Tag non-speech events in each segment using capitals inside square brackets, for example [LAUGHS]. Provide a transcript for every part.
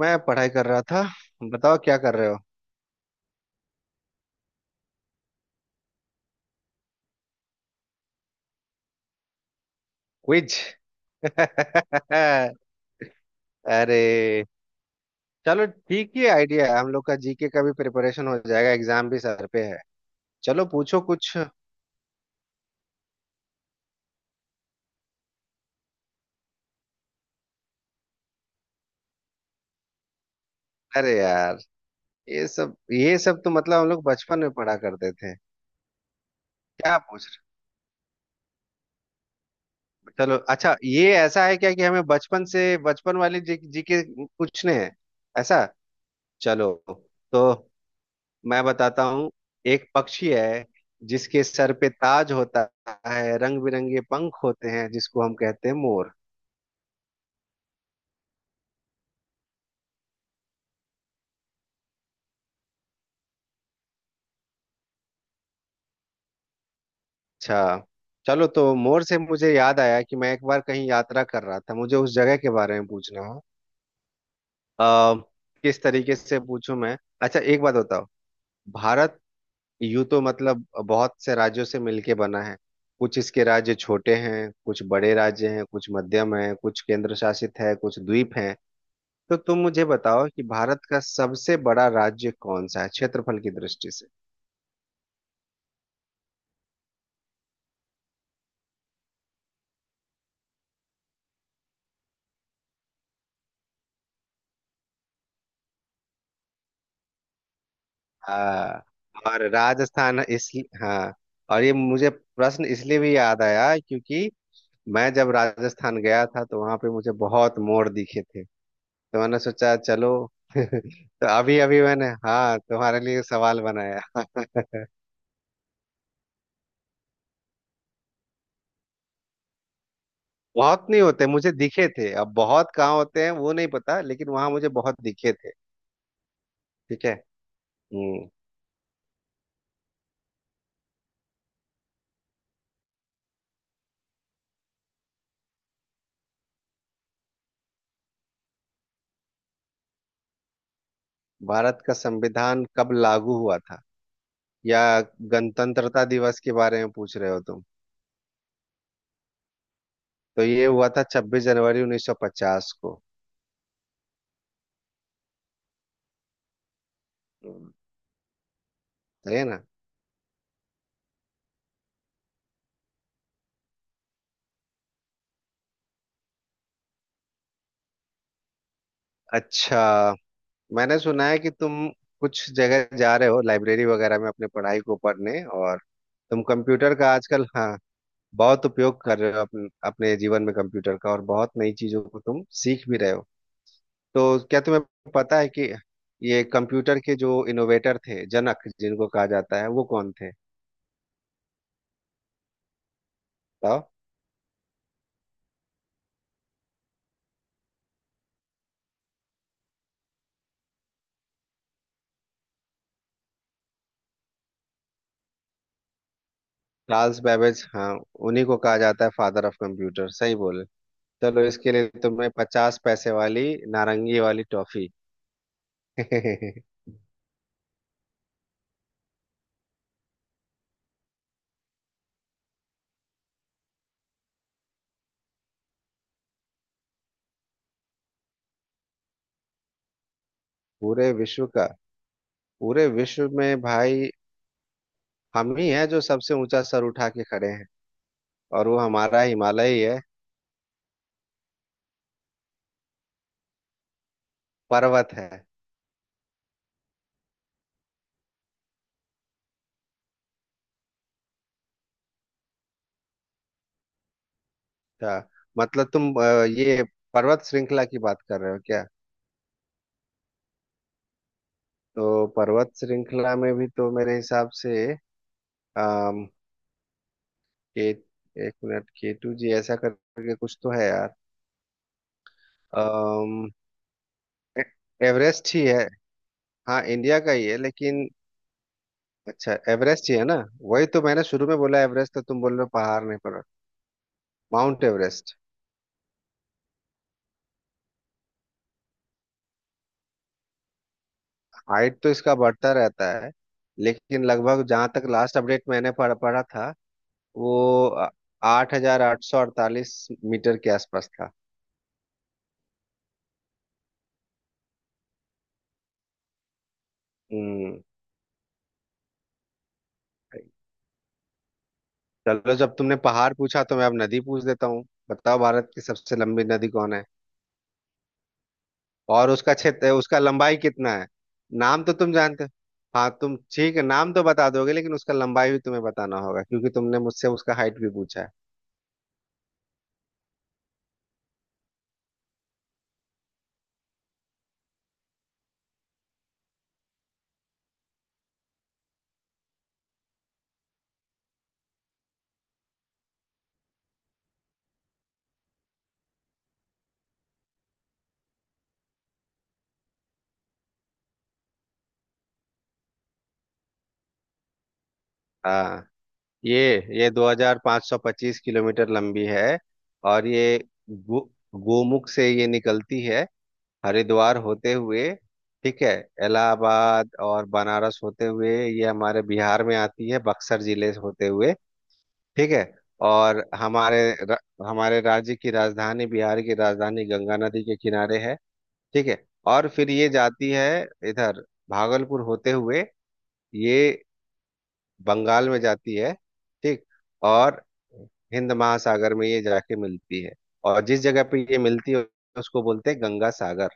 मैं पढ़ाई कर रहा था। बताओ क्या कर रहे हो। क्विज। [LAUGHS] अरे। चलो ठीक ही आइडिया है, हम लोग का जीके का भी प्रिपरेशन हो जाएगा, एग्जाम भी सर पे है। चलो पूछो कुछ। अरे यार, ये सब तो मतलब हम लोग बचपन में पढ़ा करते थे। क्या पूछ रहे हो? चलो। अच्छा, ये ऐसा है क्या कि हमें बचपन से बचपन वाले जीके पूछने हैं? ऐसा? चलो, तो मैं बताता हूँ। एक पक्षी है जिसके सर पे ताज होता है, रंग बिरंगे पंख होते हैं, जिसको हम कहते हैं मोर। अच्छा। चलो, तो मोर से मुझे याद आया कि मैं एक बार कहीं यात्रा कर रहा था, मुझे उस जगह के बारे में पूछना है। अ, किस तरीके से पूछूं मैं। अच्छा, एक बात बताओ। भारत यूं तो मतलब बहुत से राज्यों से मिलके बना है। कुछ इसके राज्य छोटे हैं, कुछ बड़े राज्य हैं, कुछ मध्यम हैं, कुछ केंद्र शासित है, कुछ द्वीप हैं। तो तुम मुझे बताओ कि भारत का सबसे बड़ा राज्य कौन सा है क्षेत्रफल की दृष्टि से। हाँ। और राजस्थान इस। हाँ। और ये मुझे प्रश्न इसलिए भी याद आया क्योंकि मैं जब राजस्थान गया था तो वहां पे मुझे बहुत मोर दिखे थे। तो मैंने सोचा चलो। [LAUGHS] तो अभी अभी मैंने, हाँ, तुम्हारे लिए सवाल बनाया। बहुत नहीं होते, मुझे दिखे थे। अब बहुत कहाँ होते हैं वो नहीं पता, लेकिन वहां मुझे बहुत दिखे थे। ठीक है। हम्म भारत का संविधान कब लागू हुआ था, या गणतंत्रता दिवस के बारे में पूछ रहे हो तुम? तो ये हुआ था 26 जनवरी 1950 को। हम्म, सही है ना? अच्छा, मैंने सुना है कि तुम कुछ जगह जा रहे हो, लाइब्रेरी वगैरह में अपने पढ़ाई को पढ़ने। और तुम कंप्यूटर का आजकल, हाँ, बहुत उपयोग कर रहे हो अपने अपने जीवन में कंप्यूटर का, और बहुत नई चीजों को तुम सीख भी रहे हो। तो क्या तुम्हें पता है कि ये कंप्यूटर के जो इनोवेटर थे, जनक जिनको कहा जाता है, वो कौन थे? बताओ। चार्ल्स बेबेज, हाँ, उन्हीं को कहा जाता है फादर ऑफ कंप्यूटर। सही बोले? चलो, इसके लिए तुम्हें 50 पैसे वाली नारंगी वाली टॉफी। [LAUGHS] पूरे विश्व का? पूरे विश्व में भाई हम ही हैं जो सबसे ऊंचा सर उठा के खड़े हैं। और वो हमारा हिमालय ही है। पर्वत है। अच्छा, मतलब तुम ये पर्वत श्रृंखला की बात कर रहे हो क्या? तो पर्वत श्रृंखला में भी तो मेरे हिसाब से अम, के एक मिनट, के टू, जी ऐसा करके कुछ तो है यार। ए- एवरेस्ट ही है। हाँ, इंडिया का ही है लेकिन। अच्छा एवरेस्ट ही है ना? वही तो मैंने शुरू में बोला एवरेस्ट, तो तुम बोल रहे हो पहाड़ नहीं पर। Mount Everest. हाइट तो इसका बढ़ता रहता है, लेकिन लगभग जहाँ तक लास्ट अपडेट मैंने पढ़ा था, वो 8,848 मीटर के आसपास था। हम्म चलो, जब तुमने पहाड़ पूछा तो मैं अब नदी पूछ देता हूँ। बताओ भारत की सबसे लंबी नदी कौन है? और उसका क्षेत्र, उसका लंबाई कितना है? नाम तो तुम जानते हो। हाँ, तुम ठीक है, नाम तो बता दोगे, लेकिन उसका लंबाई भी तुम्हें बताना होगा क्योंकि तुमने मुझसे उसका हाइट भी पूछा है। हाँ, ये ये 2525 किलोमीटर लंबी है। और ये गो, गोमुख से ये निकलती है, हरिद्वार होते हुए। ठीक है। इलाहाबाद और बनारस होते हुए ये हमारे बिहार में आती है, बक्सर जिले से होते हुए। ठीक है। और हमारे राज्य की राजधानी, बिहार की राजधानी गंगा नदी के किनारे है। ठीक है। और फिर ये जाती है इधर भागलपुर होते हुए, ये बंगाल में जाती है। ठीक। और हिंद महासागर में ये जाके मिलती है, और जिस जगह पे ये मिलती है उसको बोलते हैं गंगा सागर।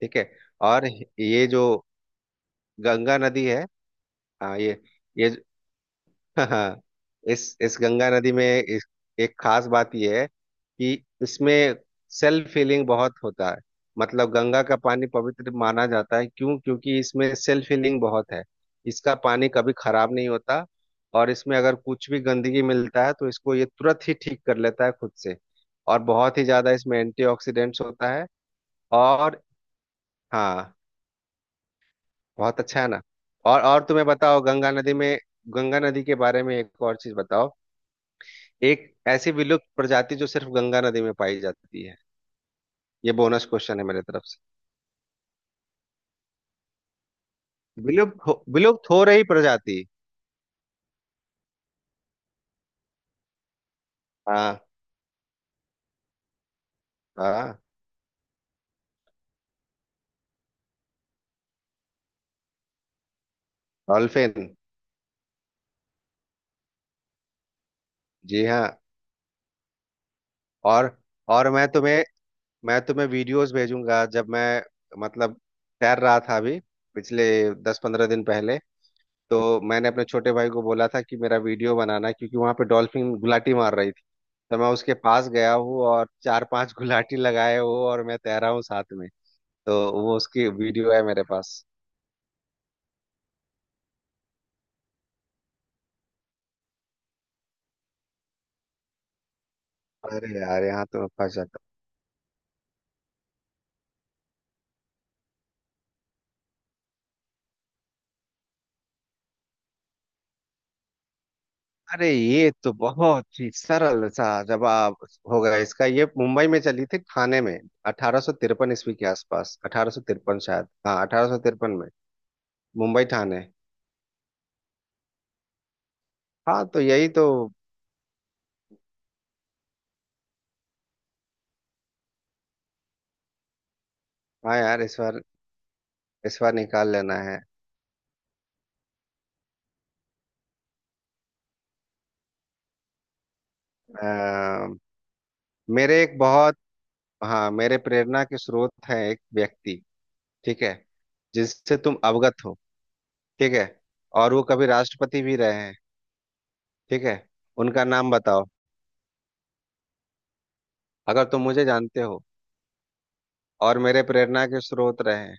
ठीक है। और ये जो गंगा नदी है, हाँ, ये। [LAUGHS] हाँ, इस गंगा नदी में, एक खास बात यह है कि इसमें सेल्फ हीलिंग बहुत होता है। मतलब गंगा का पानी पवित्र माना जाता है, क्यों? क्योंकि इसमें सेल्फ हीलिंग बहुत है। इसका पानी कभी खराब नहीं होता, और इसमें अगर कुछ भी गंदगी मिलता है तो इसको ये तुरंत ही ठीक कर लेता है खुद से। और बहुत ही ज्यादा इसमें एंटीऑक्सीडेंट्स होता है। और हाँ, बहुत अच्छा है ना? और तुम्हें बताओ, गंगा नदी में, गंगा नदी के बारे में एक और चीज बताओ। एक ऐसी विलुप्त प्रजाति जो सिर्फ गंगा नदी में पाई जाती है। ये बोनस क्वेश्चन है मेरे तरफ से। विलुप्त हो रही प्रजाति। हाँ। हाँ। डॉल्फिन। जी हाँ। और और मैं तुम्हें वीडियोस भेजूंगा, जब मैं मतलब तैर रहा था अभी पिछले 10-15 दिन पहले। तो मैंने अपने छोटे भाई को बोला था कि मेरा वीडियो बनाना क्योंकि वहां पे डॉल्फिन गुलाटी मार रही थी। तो मैं उसके पास गया हूँ और चार पांच गुलाटी लगाए हूँ और मैं तैरा हूँ साथ में। तो वो उसकी वीडियो है मेरे पास। अरे यार, यहाँ तो फंस जाता। अरे, ये तो बहुत ही सरल सा जवाब होगा इसका। ये मुंबई में चली थी, ठाणे में, 1853 ईस्वी के आसपास। 1853, शायद, हाँ, 1853 में। मुंबई, ठाणे। हाँ, तो यही तो। हाँ यार, इस बार निकाल लेना है। आ, मेरे एक बहुत, हाँ, मेरे प्रेरणा के स्रोत हैं एक व्यक्ति। ठीक है, जिससे तुम अवगत हो। ठीक है। और वो कभी राष्ट्रपति भी रहे हैं। ठीक है। उनका नाम बताओ, अगर तुम मुझे जानते हो और मेरे प्रेरणा के स्रोत रहे हैं।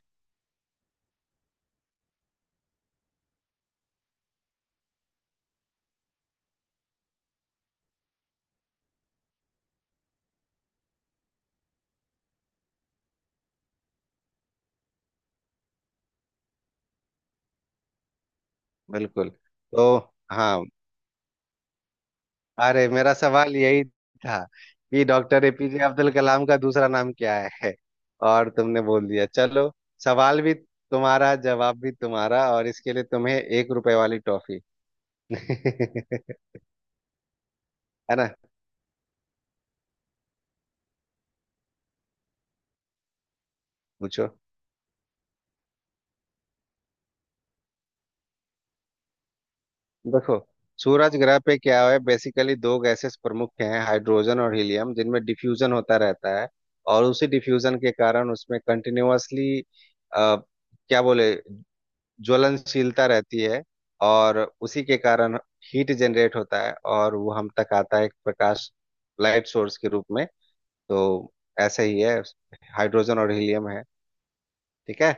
बिल्कुल। तो हाँ। अरे, मेरा सवाल यही था कि डॉक्टर एपीजे अब्दुल कलाम का दूसरा नाम क्या है। और तुमने बोल दिया। चलो, सवाल भी तुम्हारा, जवाब भी तुम्हारा, और इसके लिए तुम्हें 1 रुपए वाली टॉफी। [LAUGHS] है ना? पूछो। देखो, सूरज ग्रह पे क्या है बेसिकली, दो गैसेस प्रमुख हैं, हाइड्रोजन और हीलियम, जिनमें डिफ्यूजन होता रहता है। और उसी डिफ्यूजन के कारण उसमें कंटिन्यूअसली, क्या बोले, ज्वलनशीलता रहती है। और उसी के कारण हीट जनरेट होता है, और वो हम तक आता है एक प्रकाश, लाइट सोर्स के रूप में। तो ऐसे ही है, हाइड्रोजन और हीलियम है। ठीक है।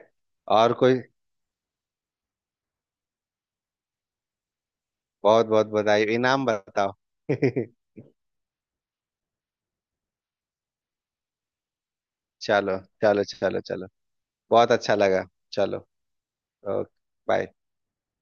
और कोई, बहुत बहुत बधाई। इनाम बताओ। [LAUGHS] चलो चलो चलो चलो। बहुत अच्छा लगा। चलो। Okay bye.